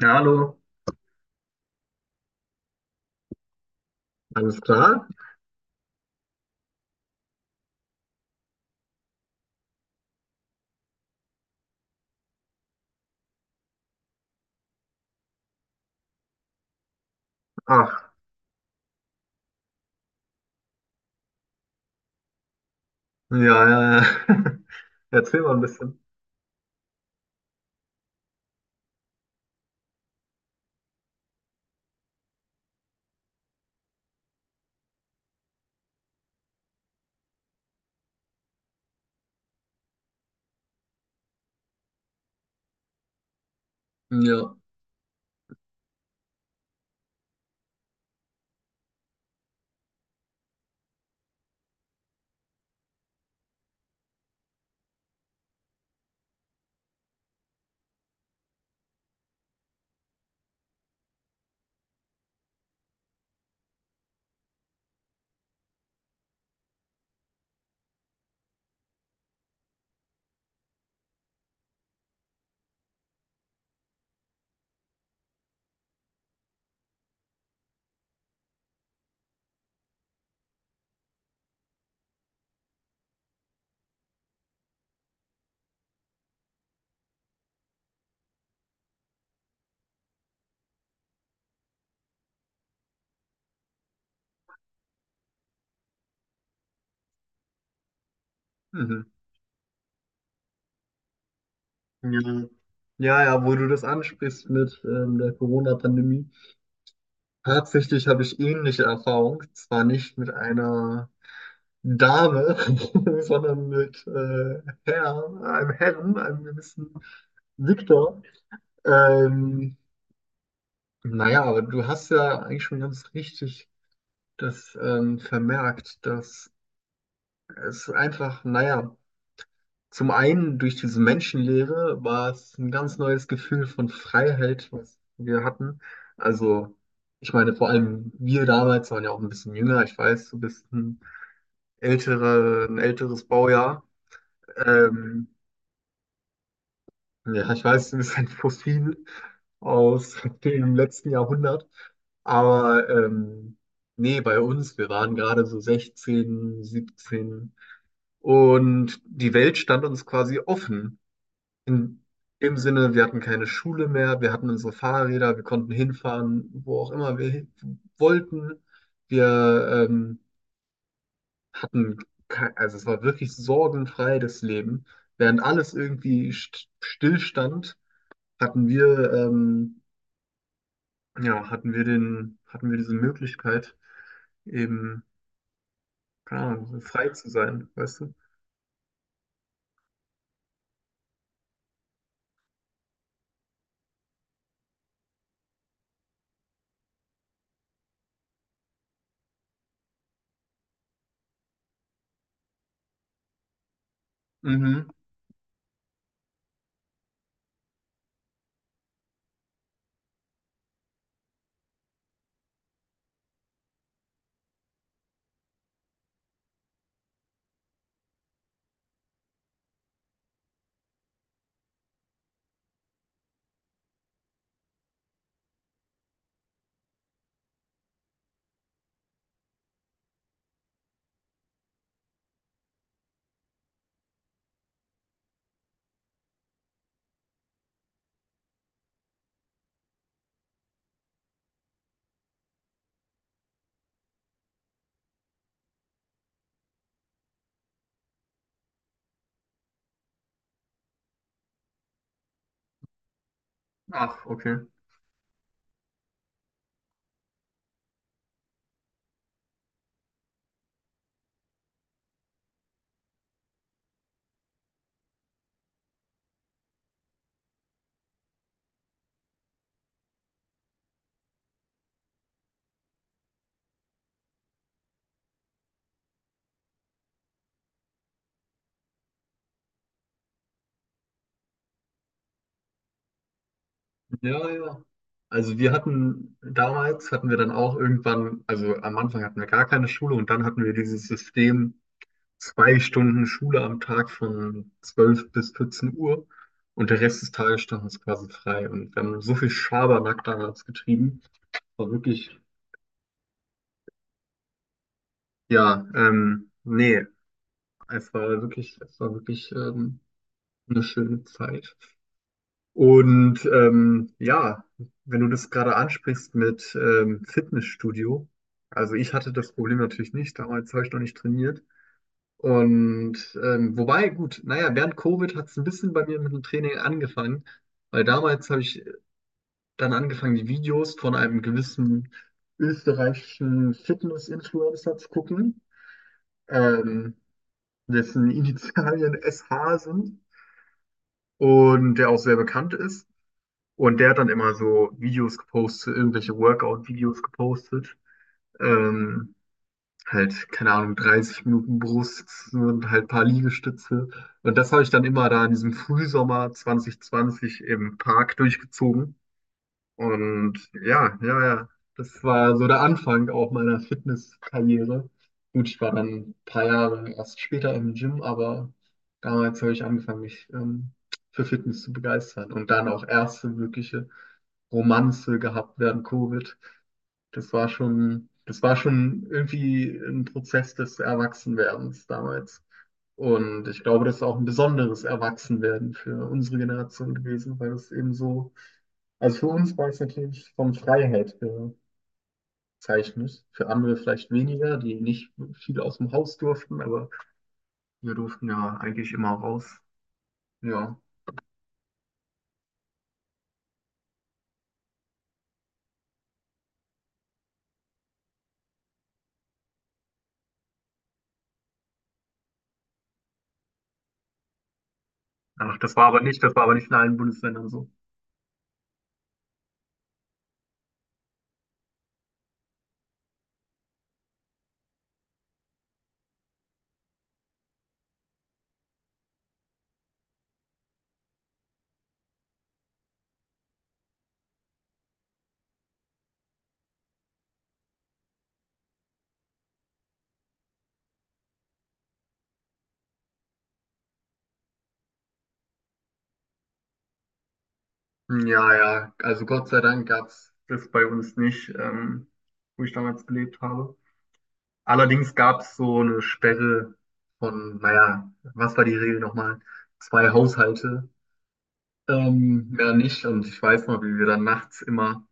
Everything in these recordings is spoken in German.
Ja, hallo. Alles klar? Ach, ja, ja, ja. Erzähl mal ein bisschen. Ja. Mhm. Ja. Ja, ja, wo du das ansprichst mit der Corona-Pandemie. Tatsächlich habe ich ähnliche Erfahrung. Zwar nicht mit einer Dame, sondern mit einem Herrn, einem gewissen Viktor. Ähm, naja, aber du hast ja eigentlich schon ganz richtig das vermerkt, dass es einfach, naja, zum einen durch diese Menschenlehre war es ein ganz neues Gefühl von Freiheit, was wir hatten. Also, ich meine, vor allem wir damals waren ja auch ein bisschen jünger. Ich weiß, du bist ein älterer, ein älteres Baujahr. Ähm, ja, ich weiß, du bist ein Fossil aus dem letzten Jahrhundert. Aber nee, bei uns, wir waren gerade so 16, 17 und die Welt stand uns quasi offen. In dem Sinne, wir hatten keine Schule mehr, wir hatten unsere Fahrräder, wir konnten hinfahren, wo auch immer wir hin wollten. Wir hatten, also es war wirklich sorgenfrei das Leben. Während alles irgendwie stillstand, hatten wir, ja, hatten wir diese Möglichkeit, eben, keine Ahnung, frei zu sein, weißt du? Mhm. Ach, okay. Ja, ja. Also wir hatten damals hatten wir dann auch irgendwann, also am Anfang hatten wir gar keine Schule und dann hatten wir dieses System 2 Stunden Schule am Tag von 12 bis 14 Uhr, und der Rest des Tages stand uns quasi frei, und wir haben so viel Schabernack damals getrieben, war wirklich, ja, nee, es war wirklich, eine schöne Zeit. Und ja, wenn du das gerade ansprichst mit Fitnessstudio, also ich hatte das Problem natürlich nicht, damals habe ich noch nicht trainiert. Und wobei, gut, naja, während Covid hat es ein bisschen bei mir mit dem Training angefangen, weil damals habe ich dann angefangen, die Videos von einem gewissen österreichischen Fitness-Influencer zu gucken, ähm, dessen Initialien SH sind und der auch sehr bekannt ist. Und der hat dann immer so Videos gepostet, irgendwelche Workout-Videos gepostet. Ähm, halt, keine Ahnung, 30 Minuten Brust und halt ein paar Liegestütze. Und das habe ich dann immer da in diesem Frühsommer 2020 im Park durchgezogen. Und ja, ja, ja, das war so der Anfang auch meiner Fitnesskarriere. Gut, ich war dann ein paar Jahre erst später im Gym, aber damals habe ich angefangen, mich für Fitness zu begeistern und dann auch erste wirkliche Romanze gehabt während Covid. Das war schon irgendwie ein Prozess des Erwachsenwerdens damals. Und ich glaube, das ist auch ein besonderes Erwachsenwerden für unsere Generation gewesen, weil es eben so, also für uns war es natürlich von Freiheit gezeichnet, für andere vielleicht weniger, die nicht viel aus dem Haus durften, aber wir durften ja eigentlich immer raus. Ja. Ach, das war aber nicht in allen Bundesländern so. Ja, ja, also Gott sei Dank gab es das bei uns nicht, wo ich damals gelebt habe. Allerdings gab es so eine Sperre von, naja, was war die Regel nochmal? 2 Haushalte, mehr nicht. Und ich weiß noch, wie wir dann nachts immer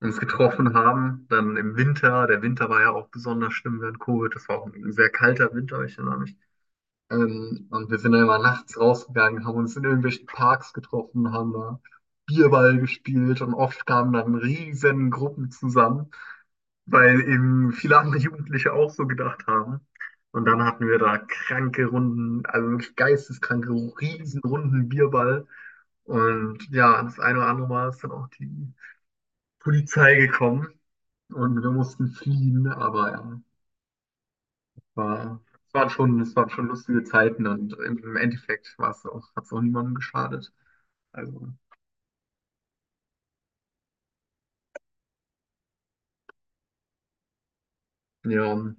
uns getroffen haben, dann im Winter. Der Winter war ja auch besonders schlimm während Covid. Das war auch ein sehr kalter Winter, ich erinnere mich. Und wir sind dann immer nachts rausgegangen, haben uns in irgendwelchen Parks getroffen, haben da Bierball gespielt, und oft kamen dann riesen Gruppen zusammen, weil eben viele andere Jugendliche auch so gedacht haben. Und dann hatten wir da kranke Runden, also wirklich geisteskranke, Riesenrunden Bierball. Und ja, das eine oder andere Mal ist dann auch die Polizei gekommen und wir mussten fliehen, aber ja. War, Es waren schon, es waren schon lustige Zeiten, und im Endeffekt war es auch, hat es auch niemandem geschadet. Also, ja,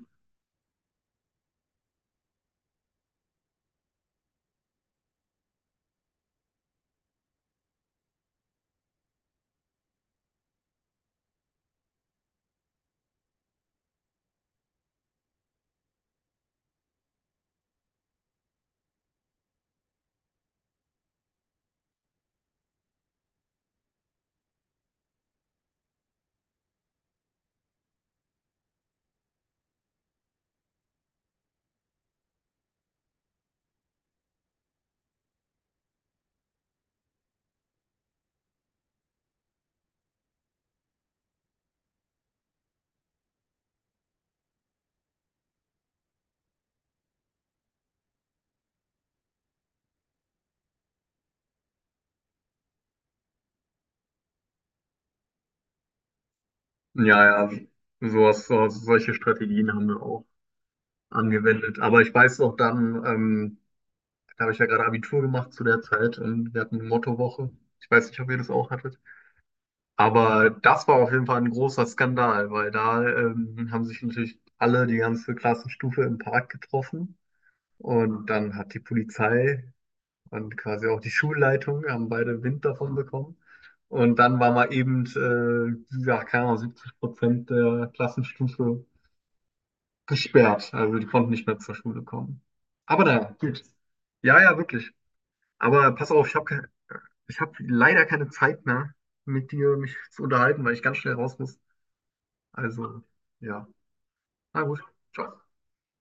ja, ja, solche Strategien haben wir auch angewendet. Aber ich weiß noch dann, da habe ich ja gerade Abitur gemacht zu der Zeit und wir hatten eine Mottowoche. Ich weiß nicht, ob ihr das auch hattet. Aber das war auf jeden Fall ein großer Skandal, weil da haben sich natürlich alle, die ganze Klassenstufe, im Park getroffen. Und dann hat die Polizei und quasi auch die Schulleitung haben beide Wind davon bekommen. Und dann war mal eben, ja, keine Ahnung, 70% der Klassenstufe gesperrt. Also die konnten nicht mehr zur Schule kommen. Aber naja, gut. Ja, ja, wirklich. Aber pass auf, ich hab leider keine Zeit mehr, mit dir mich zu unterhalten, weil ich ganz schnell raus muss. Also, ja. Na gut. Ciao.